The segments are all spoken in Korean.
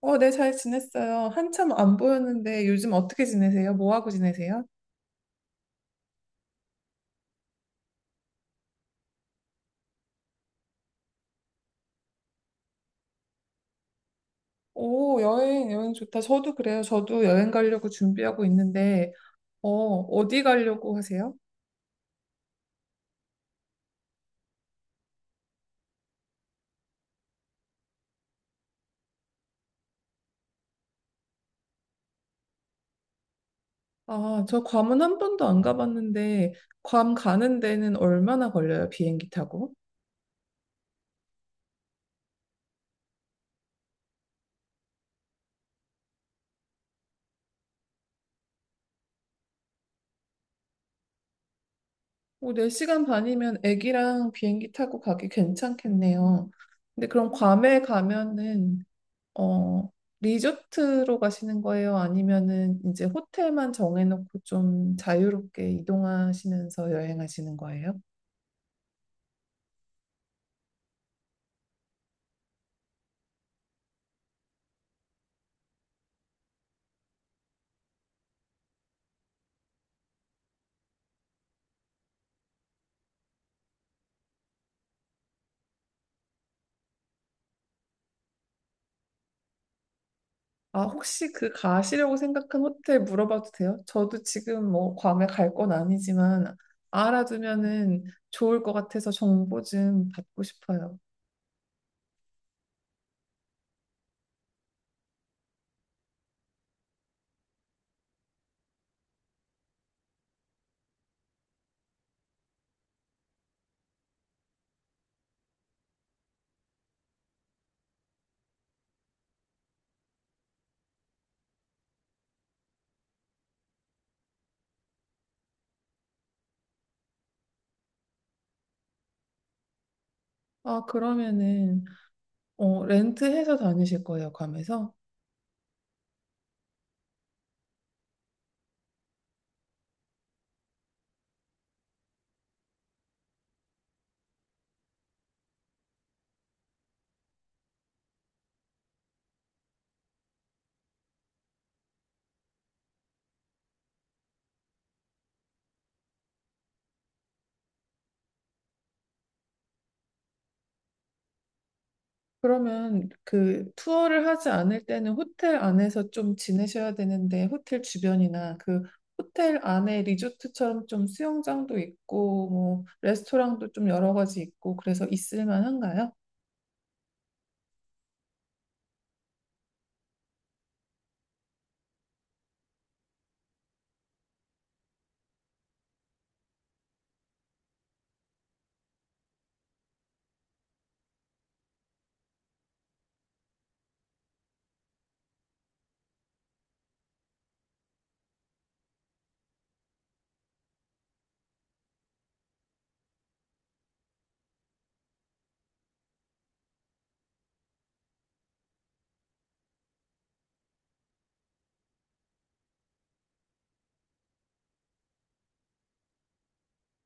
네, 잘 지냈어요. 한참 안 보였는데 요즘 어떻게 지내세요? 뭐 하고 지내세요? 오, 여행, 여행 좋다. 저도 그래요. 저도 여행 가려고 준비하고 있는데, 어디 가려고 하세요? 아, 저 괌은 한 번도 안 가봤는데, 괌 가는 데는 얼마나 걸려요? 비행기 타고? 오, 4시간 반이면 애기랑 비행기 타고 가기 괜찮겠네요. 근데 그럼 괌에 가면은 어, 리조트로 가시는 거예요? 아니면은 이제 호텔만 정해놓고 좀 자유롭게 이동하시면서 여행하시는 거예요? 아, 혹시 그 가시려고 생각한 호텔 물어봐도 돼요? 저도 지금 뭐 괌에 갈 건 아니지만 알아두면은 좋을 것 같아서 정보 좀 받고 싶어요. 아, 그러면은 렌트해서 다니실 거예요, 괌에서? 그러면 그 투어를 하지 않을 때는 호텔 안에서 좀 지내셔야 되는데 호텔 주변이나 그 호텔 안에 리조트처럼 좀 수영장도 있고 뭐 레스토랑도 좀 여러 가지 있고 그래서 있을 만한가요?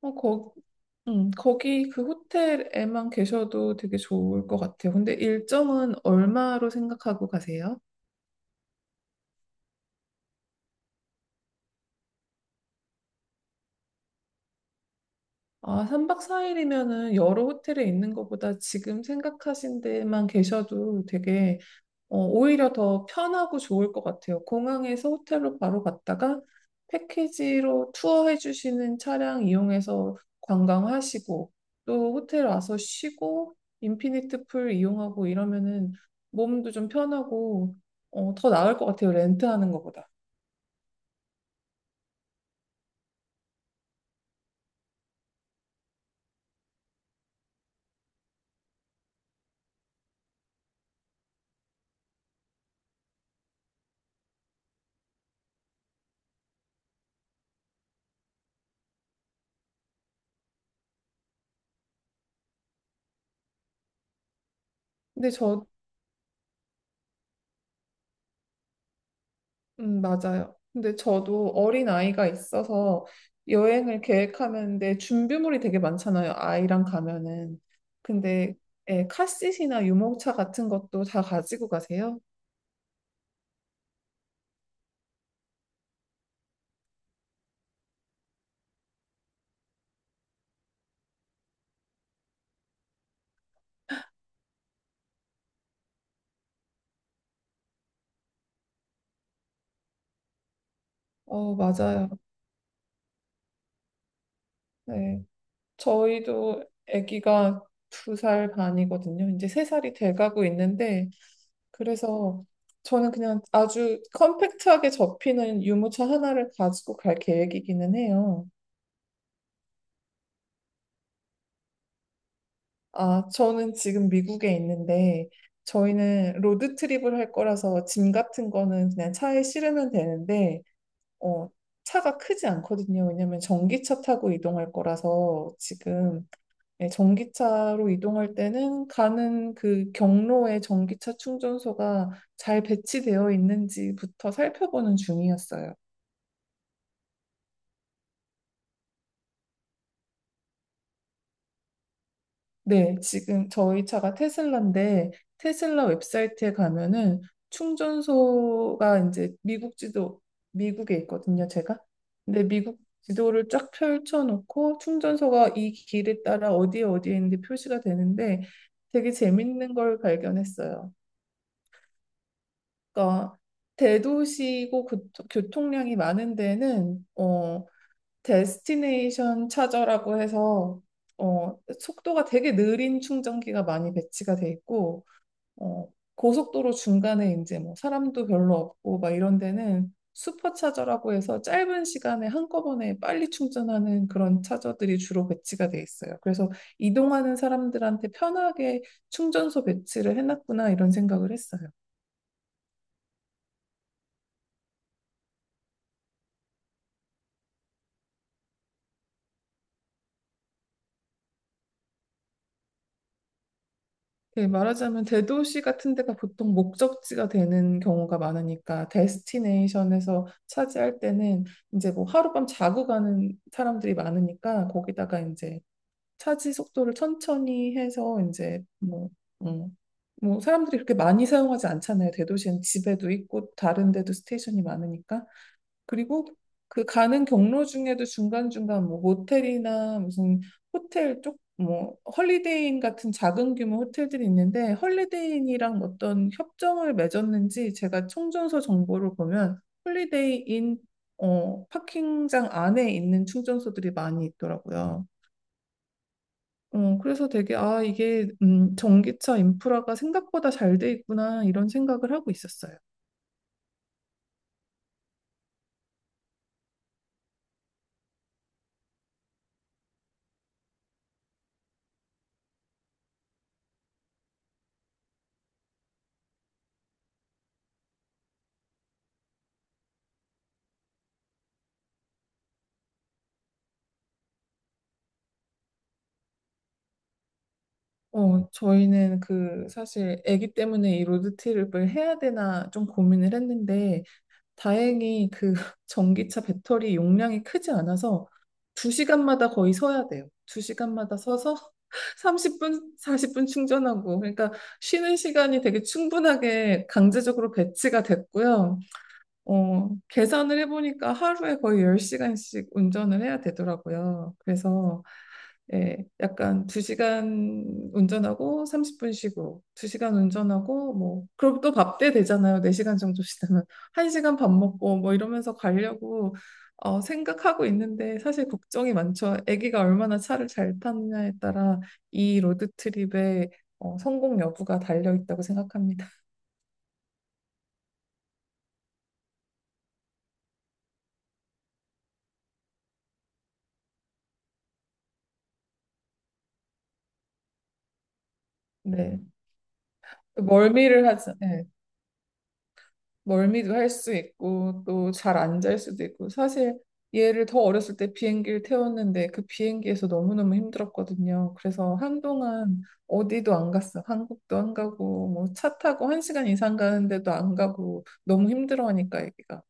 어, 거, 거기 그 호텔에만 계셔도 되게 좋을 것 같아요. 근데 일정은 얼마로 생각하고 가세요? 아, 3박 4일이면은 여러 호텔에 있는 것보다 지금 생각하신 데만 계셔도 되게 오히려 더 편하고 좋을 것 같아요. 공항에서 호텔로 바로 갔다가 패키지로 투어해 주시는 차량 이용해서 관광하시고 또 호텔 와서 쉬고 인피니트 풀 이용하고 이러면은 몸도 좀 편하고 더 나을 것 같아요. 렌트하는 것보다. 근데 맞아요. 근데 저도 어린 아이가 있어서 여행을 계획하는데 준비물이 되게 많잖아요. 아이랑 가면은. 근데 예, 카시트나 유모차 같은 것도 다 가지고 가세요? 맞아요. 네. 저희도 아기가 두 살 반이거든요. 이제 세 살이 돼가고 있는데 그래서 저는 그냥 아주 컴팩트하게 접히는 유모차 하나를 가지고 갈 계획이기는 해요. 아, 저는 지금 미국에 있는데, 저희는 로드트립을 할 거라서 짐 같은 거는 그냥 차에 실으면 되는데, 어, 차가 크지 않거든요. 왜냐면 전기차 타고 이동할 거라서 지금 예, 전기차로 이동할 때는 가는 그 경로에 전기차 충전소가 잘 배치되어 있는지부터 살펴보는 중이었어요. 네, 지금 저희 차가 테슬라인데 테슬라 웹사이트에 가면은 충전소가 이제 미국 지도. 미국에 있거든요, 제가. 근데 미국 지도를 쫙 펼쳐놓고 충전소가 이 길에 따라 어디에 어디에 있는데 표시가 되는데 되게 재밌는 걸 발견했어요. 그러니까 대도시고 교통량이 많은 데는 데스티네이션 차저라고 해서 속도가 되게 느린 충전기가 많이 배치가 돼 있고 어, 고속도로 중간에 이제 뭐 사람도 별로 없고 막 이런 데는 슈퍼차저라고 해서 짧은 시간에 한꺼번에 빨리 충전하는 그런 차저들이 주로 배치가 돼 있어요. 그래서 이동하는 사람들한테 편하게 충전소 배치를 해놨구나 이런 생각을 했어요. 그 말하자면 대도시 같은 데가 보통 목적지가 되는 경우가 많으니까 데스티네이션에서 차지할 때는 이제 뭐 하룻밤 자고 가는 사람들이 많으니까 거기다가 이제 차지 속도를 천천히 해서 이제 뭐, 음, 뭐 사람들이 그렇게 많이 사용하지 않잖아요. 대도시는 집에도 있고 다른 데도 스테이션이 많으니까. 그리고 그 가는 경로 중에도 중간중간 뭐 모텔이나 무슨 호텔 쪽 뭐 헐리데이인 같은 작은 규모 호텔들이 있는데 헐리데이인이랑 어떤 협정을 맺었는지 제가 충전소 정보를 보면 홀리데이인 파킹장 안에 있는 충전소들이 많이 있더라고요. 그래서 되게 아 이게 전기차 인프라가 생각보다 잘 돼 있구나 이런 생각을 하고 있었어요. 저희는 그 사실 아기 때문에 이 로드트립을 해야 되나 좀 고민을 했는데 다행히 그 전기차 배터리 용량이 크지 않아서 2시간마다 거의 서야 돼요. 2시간마다 서서 30분, 40분 충전하고 그러니까 쉬는 시간이 되게 충분하게 강제적으로 배치가 됐고요. 계산을 해보니까 하루에 거의 10시간씩 운전을 해야 되더라고요. 그래서 예, 약간 2시간 운전하고 30분 쉬고 2시간 운전하고 뭐 그럼 또 밥 때 되잖아요. 4시간 정도 쉬다면 1시간 밥 먹고 뭐 이러면서 가려고 생각하고 있는데 사실 걱정이 많죠. 아기가 얼마나 차를 잘 타느냐에 따라 이 로드 트립의 성공 여부가 달려 있다고 생각합니다. 네. 멀미를 하죠. 멀미도 할 수 있고 또 잘 안 잘 수도 있고 사실 얘를 더 어렸을 때 비행기를 태웠는데 그 비행기에서 너무너무 힘들었거든요. 그래서 한동안 어디도 안 갔어. 한국도 안 가고 뭐 차 타고 1시간 이상 가는데도 안 가고 너무 힘들어하니까 애기가.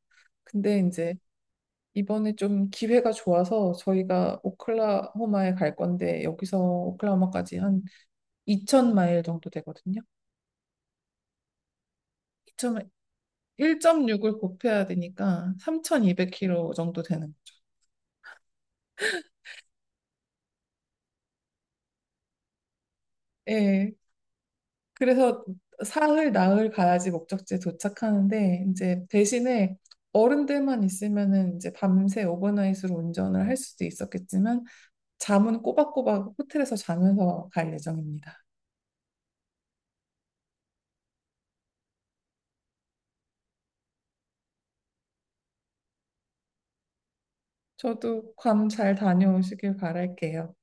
근데 이제 이번에 좀 기회가 좋아서 저희가 오클라호마에 갈 건데 여기서 오클라호마까지 한 2,000마일 정도 되거든요. 이천 1.6을 곱해야 되니까 3,200km 정도 되는 거죠. 예. 그래서 사흘, 나흘 가야지 목적지에 도착하는데 이제 대신에 어른들만 있으면은 이제 밤새 오버나잇으로 운전을 할 수도 있었겠지만 잠은 꼬박꼬박 호텔에서 자면서 갈 예정입니다. 저도 괌 잘 다녀오시길 바랄게요.